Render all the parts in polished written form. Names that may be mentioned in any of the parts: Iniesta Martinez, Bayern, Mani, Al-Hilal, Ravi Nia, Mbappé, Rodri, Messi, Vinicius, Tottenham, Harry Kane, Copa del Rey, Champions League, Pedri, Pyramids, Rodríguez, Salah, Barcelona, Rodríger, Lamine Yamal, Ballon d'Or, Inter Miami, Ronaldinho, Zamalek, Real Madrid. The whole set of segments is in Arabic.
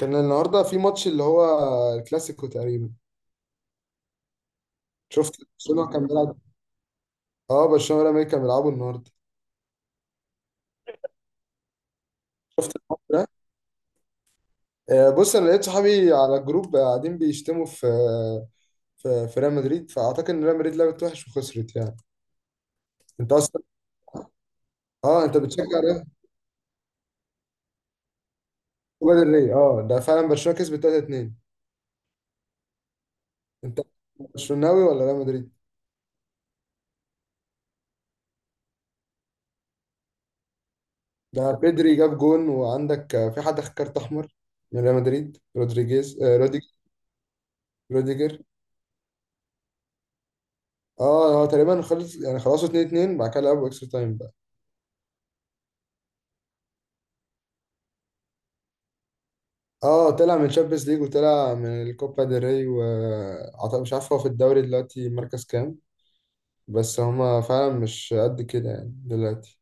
كان النهارده في ماتش اللي هو الكلاسيكو تقريبا. شفت برشلونه كان بيلعب. اه برشلونه والامريكا كانوا بيلعبوا النهارده. شفت الماتش ده. بص انا لقيت صحابي على الجروب قاعدين بيشتموا في في ريال مدريد، فاعتقد ان ريال مدريد لعبت وحش وخسرت يعني. انت اصلا اه انت بتشجع ريال. كوبا del Rey. اه ده فعلا برشلونه كسبت 3-2. انت برشلوناوي ولا ريال مدريد؟ ده بيدري جاب جون، وعندك في حد خد كارت احمر من ريال مدريد، رودريجيز، روديجر. اه هو تقريبا خلص، يعني خلصوا 2 2، بعد كده لعبوا اكسترا تايم بقى. اه طلع من تشامبيونز ليج وطلع من الكوبا ديل ري، وعطى مش عارف هو في الدوري دلوقتي مركز كام، بس هما فعلا مش قد كده يعني دلوقتي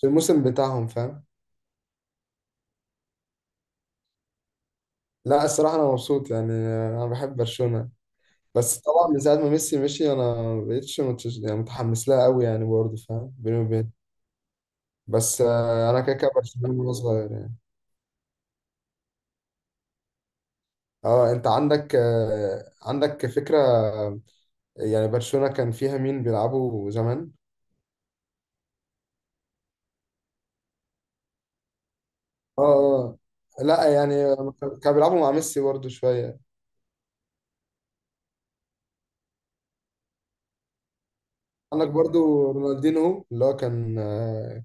في الموسم بتاعهم، فاهم. لا الصراحة أنا مبسوط يعني. أنا بحب برشلونة، بس طبعا من ساعة ما ميسي مشي أنا مبقتش متش، يعني متحمس لها قوي يعني، برضه فاهم بيني وبين. بس أنا كده كده برشلونة وأنا صغير يعني. اه أنت عندك عندك فكرة، يعني برشلونة كان فيها مين بيلعبوا زمان؟ اه آه. لا يعني كانوا بيلعبوا مع ميسي برضو شوية. عندك برضو رونالدينهو اللي هو كان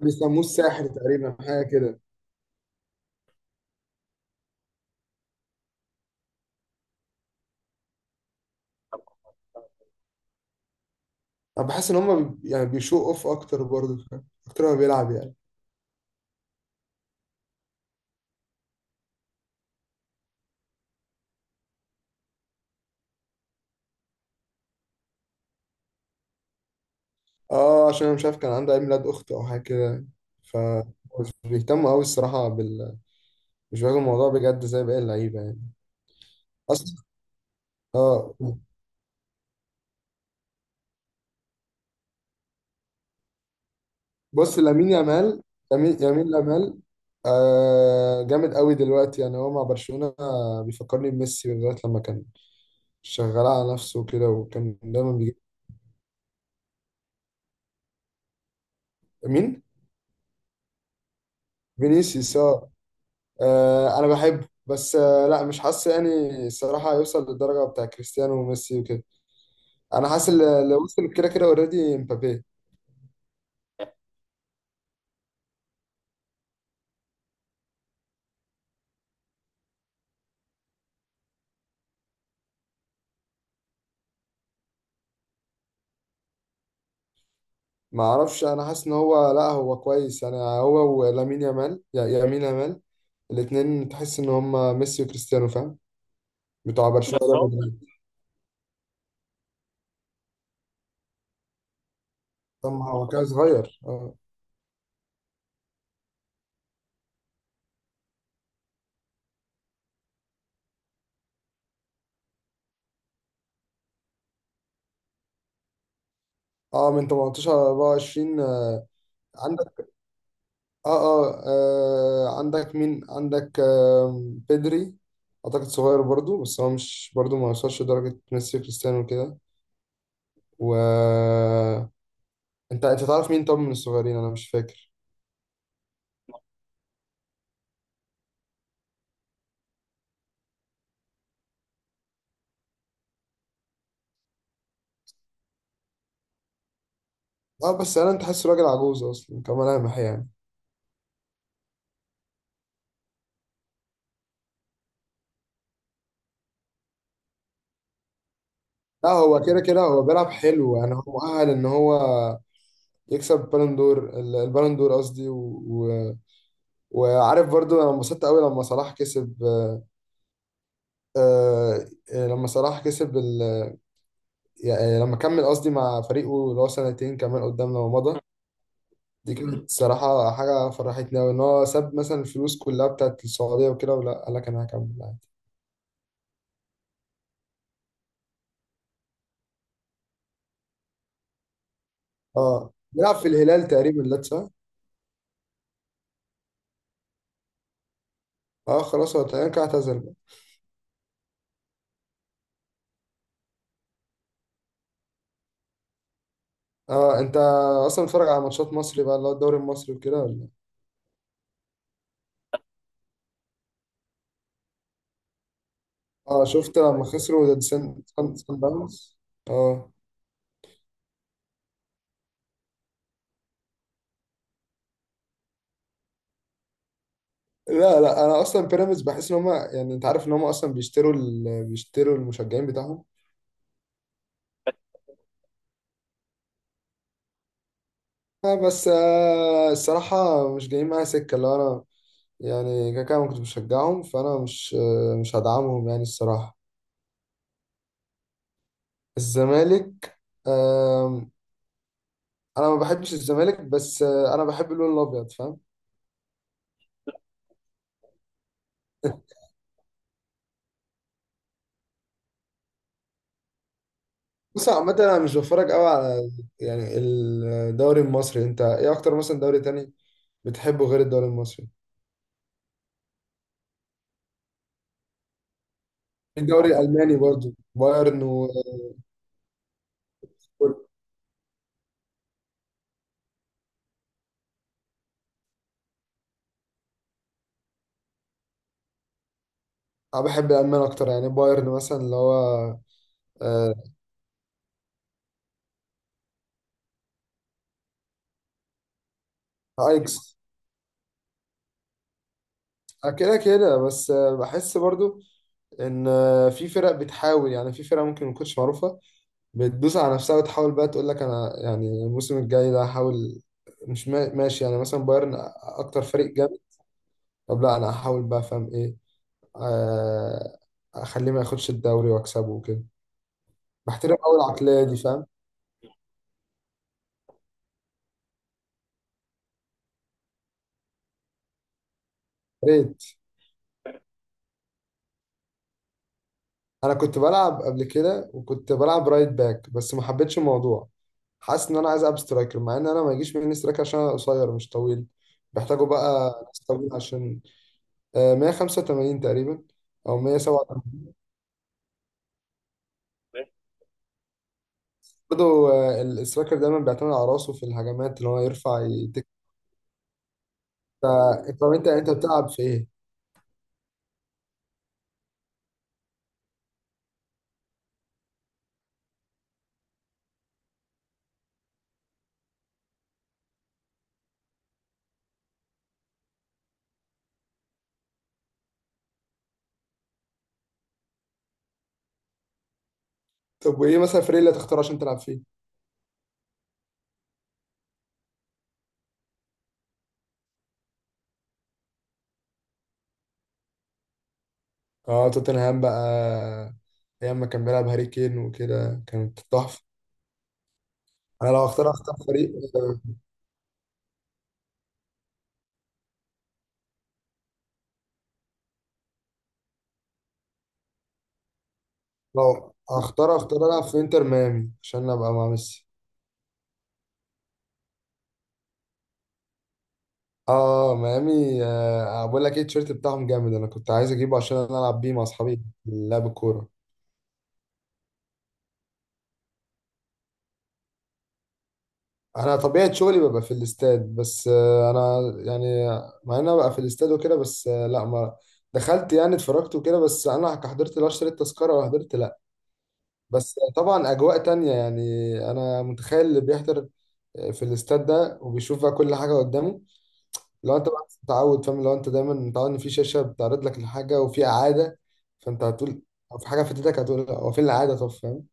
بيسموه الساحر تقريبا، حاجة كده. أنا بحس إن هما يعني بيشو أوف أكتر، برضو فاهم؟ أكتر ما بيلعب يعني. أه عشان أنا مش عارف كان عنده عيد ميلاد أخته أو حاجة كده. ف مش بيهتموا أوي الصراحة بال، مش بياخدوا الموضوع بجد زي باقي اللعيبة يعني. أصلا أه. بص لامين يامال، لامين يامال آه جامد قوي دلوقتي، يعني هو مع برشلونة. بيفكرني بميسي لغاية لما كان شغال على نفسه كده وكان دايما بيجيب. مين؟ فينيسيوس، اه. انا بحبه بس آه لا مش حاسس يعني الصراحة هيوصل للدرجة بتاع كريستيانو وميسي وكده. انا حاسس اللي وصل كده كده اوريدي مبابي. ما اعرفش، انا حاسس ان هو لا هو كويس يعني، هو ولامين يامال، يامين يامال، الاتنين تحس ان هم ميسي وكريستيانو، فاهم؟ بتاع برشلونة، ريال بالظبط مدريد. طب ما هو كان صغير اه. اه من 18 ل 24 آه. عندك آه, اه اه عندك مين؟ عندك آه بيدري، اعتقد صغير برضو، بس هو مش برضو ما وصلش لدرجة ميسي وكريستيانو وكده. و انت تعرف مين طب من الصغيرين؟ انا مش فاكر. اه بس انا انت حاسه راجل عجوز اصلا كملامح يعني. لا هو كده كده هو بيلعب حلو يعني، هو مؤهل ان هو يكسب بالون دور البالون دور، قصدي، و... وعارف برضو انا انبسطت قوي لما صلاح كسب آه، لما صلاح كسب ال... يعني لما كمل قصدي مع فريقه، اللي هو سنتين كمان قدامنا ومضى. دي كانت صراحة حاجة فرحتني أوي، إن هو ساب مثلا الفلوس كلها بتاعت السعودية وكده ولا، قال لك أنا هكمل عادي. اه بيلعب في الهلال تقريبا، لا صح؟ اه خلاص هو تقريبا كده اعتزل بقى. اه أنت أصلا بتتفرج على ماتشات مصري بقى، اللي هو الدوري المصري وكده ولا؟ اه شفت لما خسروا ضد سان داونز. اه. لا لا انا اصلا بيراميدز بحس ان هم، يعني انت عارف ان هم اصلا بيشتروا ال... بيشتروا المشجعين بتاعهم. آه بس آه الصراحه مش جايين معايا سكه، اللي هو انا يعني كده كده ما كنتش بشجعهم، فانا مش آه مش هدعمهم يعني الصراحه. الزمالك آه، انا ما بحبش الزمالك بس آه انا بحب اللون الابيض، فاهم. بص عامة أنا مش بتفرج أوي على يعني الدوري المصري، أنت إيه أكتر مثلا دوري تاني بتحبه غير الدوري المصري؟ الدوري الألماني برضو، بايرن و... انا بحب الالمان اكتر يعني، بايرن مثلا اللي هو آه، ايكس آه، كده كده. بس بحس برضو ان في فرق بتحاول، يعني في فرق ممكن ما تكونش معروفه بتدوس على نفسها وتحاول بقى تقول لك انا يعني الموسم الجاي ده هحاول. مش ماشي يعني مثلا بايرن اكتر فريق جامد. طب لا انا هحاول بقى، فاهم ايه، آه، اخليه ما ياخدش الدوري، واكسبه وكده. بحترم قوي العقليه دي، فاهم. يا ريت. انا كنت بلعب قبل كده وكنت بلعب رايت باك بس ما حبيتش الموضوع. حاسس ان انا عايز العب سترايكر، مع ان انا ما يجيش مني سترايكر عشان انا قصير مش طويل، بيحتاجوا بقى ناس طويل عشان 185 تقريبا او 187. برضه السترايكر دايما بيعتمد على راسه في الهجمات اللي هو يرفع يتك. فانت، طب انت بتلعب في ايه؟ طب وايه مثلا الفريق اللي هتختار عشان تلعب فيه؟ اه توتنهام بقى، ايام ما كان بيلعب هاري كين وكده كانت تحفه. انا لو اختار فريق آه، لو اختار العب في انتر ميامي عشان ابقى مع ميسي. اه ميامي. آه بقول لك ايه، التيشيرت بتاعهم جامد، انا كنت عايز اجيبه عشان أنا العب بيه مع اصحابي في لعب الكوره. انا طبيعه شغلي ببقى في الاستاد، بس آه انا يعني مع ان انا ببقى في الاستاد وكده بس آه لا ما دخلت يعني اتفرجت وكده بس انا حضرت، لا اشتريت تذكره ولا حضرت لا. بس طبعا اجواء تانية يعني. انا متخيل اللي بيحضر في الاستاد ده وبيشوف بقى كل حاجه قدامه. لو انت بقى متعود، فاهم، لو انت دايما متعود ان في شاشه بتعرض لك الحاجه وفي اعاده، فانت هتقول او في حاجه فاتتك هتقول لا هو فين الاعاده، طب فاهم؟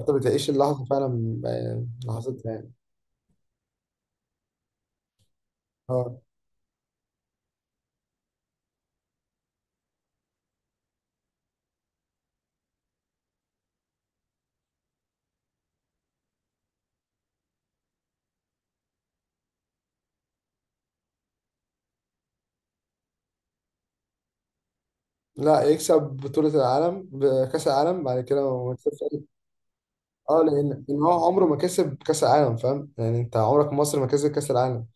انت بتعيش اللحظه فعلا لحظتها يعني. اه لا يكسب بطوله العالم بكاس العالم، بعد كده ما يكسبش أي. اه لان ان هو عمره ما كسب كاس العالم، فاهم يعني، انت عمرك مصر ما كسبت كاس العالم.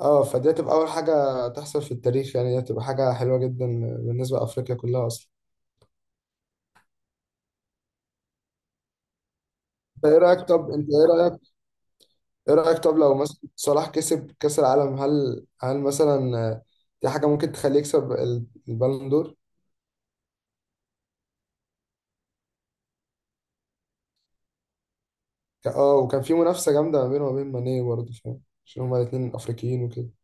اه فدي هتبقى اول حاجه تحصل في التاريخ، يعني دي هتبقى حاجه حلوه جدا بالنسبه لافريقيا كلها اصلا. انت ايه رايك؟ طب انت ايه رايك؟ ايه رأيك طب لو مثلا صلاح كسب كأس العالم، هل مثلا دي حاجة ممكن تخليه يكسب البالون دور؟ اه، وكان في منافسة جامدة ما بينه وما بين ماني برضه، فاهم، عشان هما الاتنين أفريقيين وكده.